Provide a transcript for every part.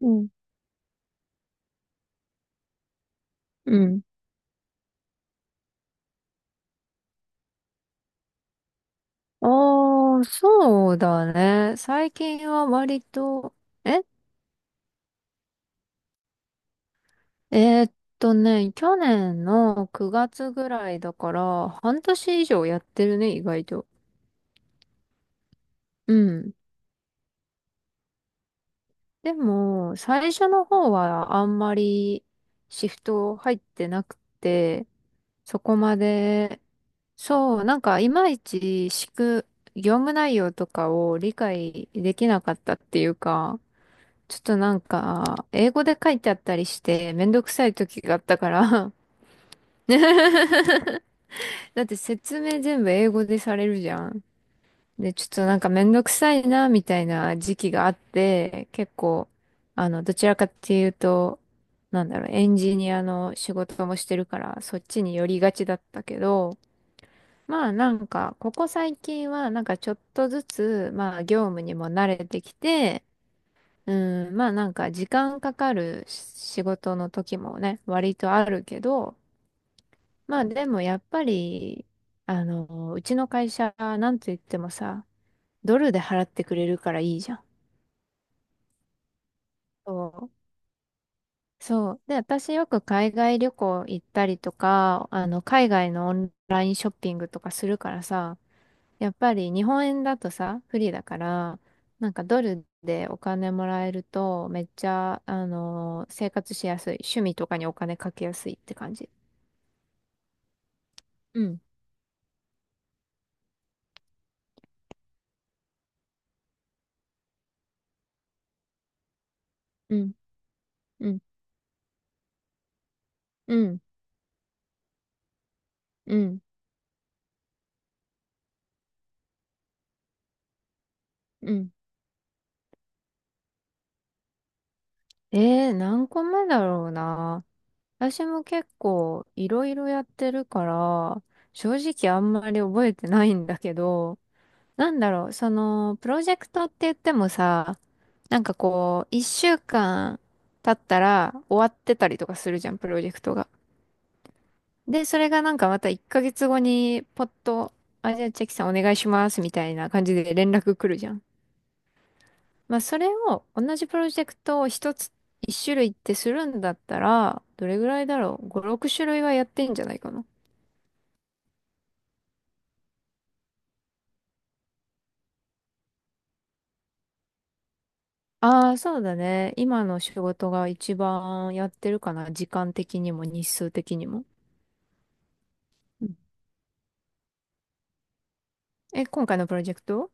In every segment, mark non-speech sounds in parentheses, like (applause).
うん。うん。ああ、そうだね。最近は割と、ええーっとね、去年の9月ぐらいだから、半年以上やってるね、意外と。うん。でも、最初の方はあんまりシフト入ってなくて、そこまで、そう、なんかいまいち業務内容とかを理解できなかったっていうか、ちょっとなんか、英語で書いてあったりして、めんどくさい時があったから。 (laughs) だって説明全部英語でされるじゃん。で、ちょっとなんかめんどくさいな、みたいな時期があって、結構、どちらかっていうと、なんだろう、エンジニアの仕事もしてるから、そっちに寄りがちだったけど、まあなんか、ここ最近はなんかちょっとずつ、まあ業務にも慣れてきて、うん、まあなんか時間かかるし仕事の時もね、割とあるけど、まあでもやっぱり、うちの会社、なんと言ってもさ、ドルで払ってくれるからいいじゃん。そう。そう。で、私よく海外旅行行ったりとか、海外のオンラインショッピングとかするからさ、やっぱり日本円だとさ、不利だから、なんかドルでお金もらえると、めっちゃ、生活しやすい。趣味とかにお金かけやすいって感じ。うん、うん、うん、うん、うん、うん。何個目だろうな。私も結構いろいろやってるから、正直あんまり覚えてないんだけど、なんだろう、その、プロジェクトって言ってもさ、なんかこう、一週間経ったら終わってたりとかするじゃん、プロジェクトが。で、それがなんかまた1ヶ月後に、ポッと、あ、じゃあチェキさんお願いします、みたいな感じで連絡来るじゃん。まあ、それを、同じプロジェクトを一種類ってするんだったら、どれぐらいだろう？ 5、6種類はやってんじゃないかな。ああ、そうだね。今の仕事が一番やってるかな。時間的にも日数的にも。え、今回のプロジェクト？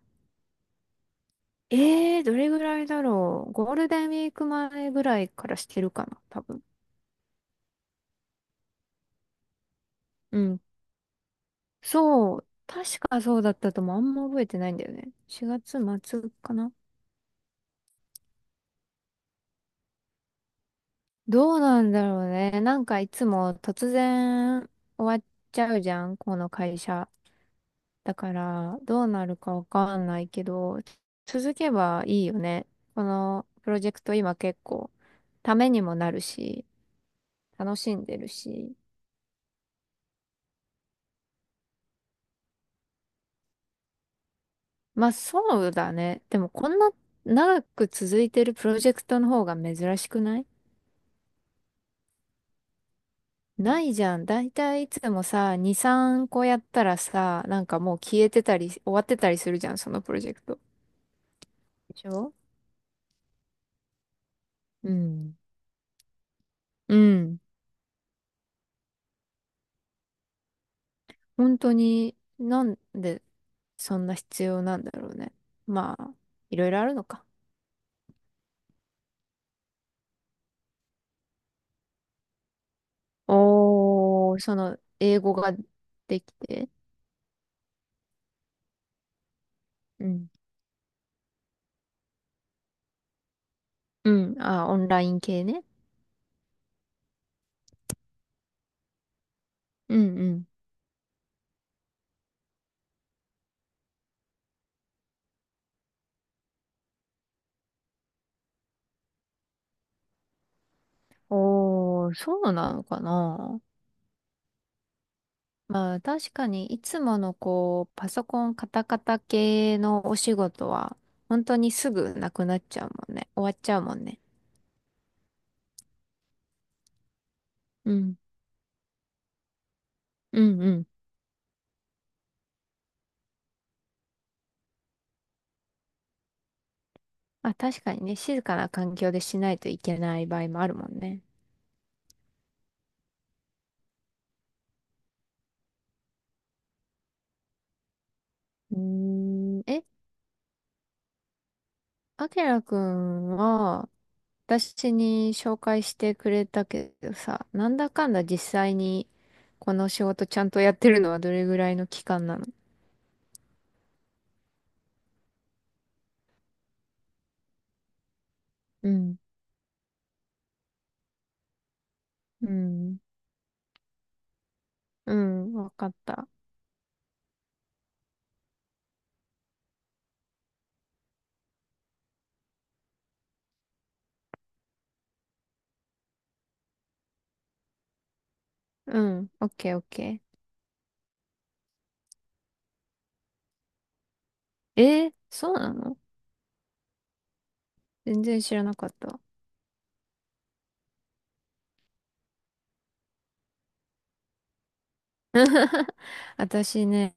どれぐらいだろう。ゴールデンウィーク前ぐらいからしてるかな、多分。うん。そう。確かそうだったともあんま覚えてないんだよね。4月末かな。どうなんだろうね。なんかいつも突然終わっちゃうじゃん、この会社。だから、どうなるかわかんないけど、続けばいいよね。このプロジェクト今結構、ためにもなるし、楽しんでるし。まあそうだね。でもこんな長く続いてるプロジェクトの方が珍しくないないじゃん。だいたいいつもさ、2、3個やったらさ、なんかもう消えてたり、終わってたりするじゃん、そのプロジェクト。でしょ？うん。うん。本当に、なんでそんな必要なんだろうね。まあ、いろいろあるのか。おー、その、英語ができて。うん。うん。あ、オンライン系ね。うんうん。おー、そうなのかな。まあ確かにいつものこう、パソコンカタカタ系のお仕事は、本当にすぐなくなっちゃうもんね。終わっちゃうもんね。うん。うんうん。まあ確かにね、静かな環境でしないといけない場合もあるもんね。うーえ、あきらくんは、私に紹介してくれたけどさ、なんだかんだ実際にこの仕事ちゃんとやってるのはどれぐらいの期間なの？うん。うん。うん、わかった。うん、オッケーオッケー。えー、そうなの？全然知らなかった。私ね、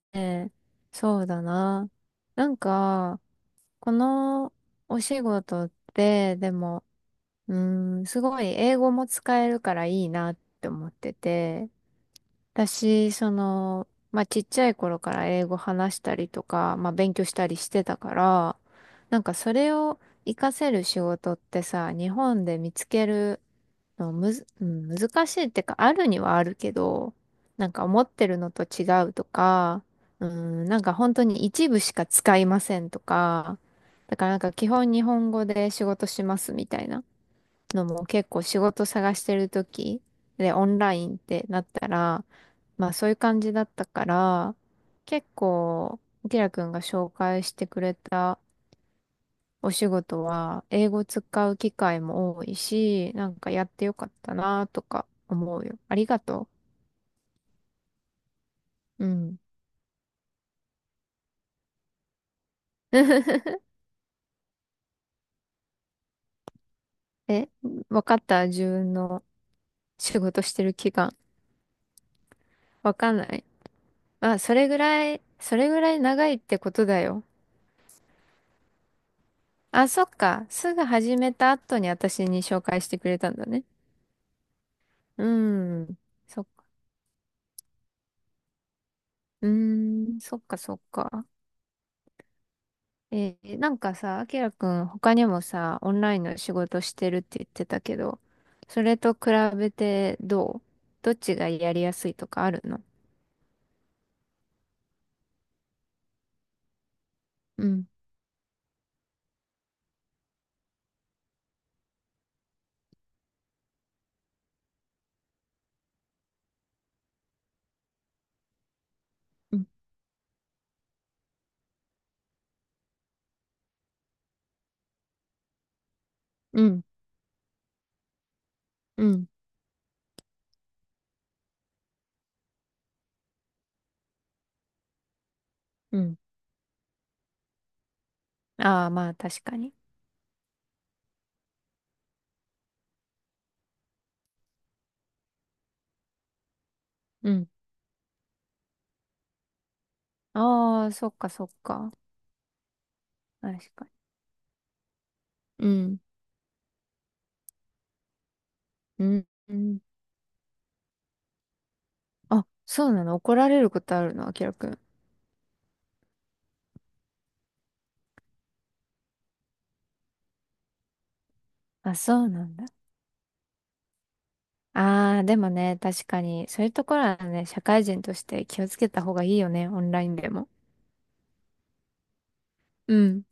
そうだな。なんか、このお仕事って、でも、うすごい英語も使えるからいいなって思ってて、私、まあ、ちっちゃい頃から英語話したりとか、まあ、勉強したりしてたから、なんかそれを活かせる仕事ってさ、日本で見つけるでもむず、うん、難しいってか、あるにはあるけど、なんか思ってるのと違うとか、うん、なんか本当に一部しか使いませんとか、だからなんか基本日本語で仕事しますみたいなのも結構仕事探してる時でオンラインってなったら、まあそういう感じだったから、結構、キラ君が紹介してくれたお仕事は英語使う機会も多いし、なんかやってよかったなとか思うよ。ありがとう。うん。(laughs) え、わかった？自分の仕事してる期間。わかんない。まあ、それぐらい、それぐらい長いってことだよ。あ、そっか。すぐ始めた後に私に紹介してくれたんだね。うん。そっか。うーん、そっかそっか。なんかさ、あきらくん他にもさ、オンラインの仕事してるって言ってたけど、それと比べてどう？どっちがやりやすいとかあるの？うん、うん、うん、うん、うん、ああー、まあ確かに。うん、ああ、そっかそっか。確かに。うん、うん、うん。あ、そうなの？怒られることあるの？あきらくん。あ、そうなんだ。ああ、でもね、確かに、そういうところはね、社会人として気をつけた方がいいよね、オンラインでも。うん。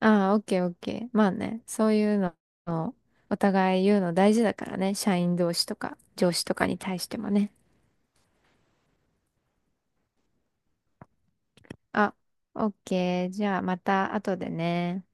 ああ、オッケーオッケー。まあね、そういうのをお互い言うの大事だからね。社員同士とか上司とかに対してもね。あ、オッケー。じゃあまた後でね。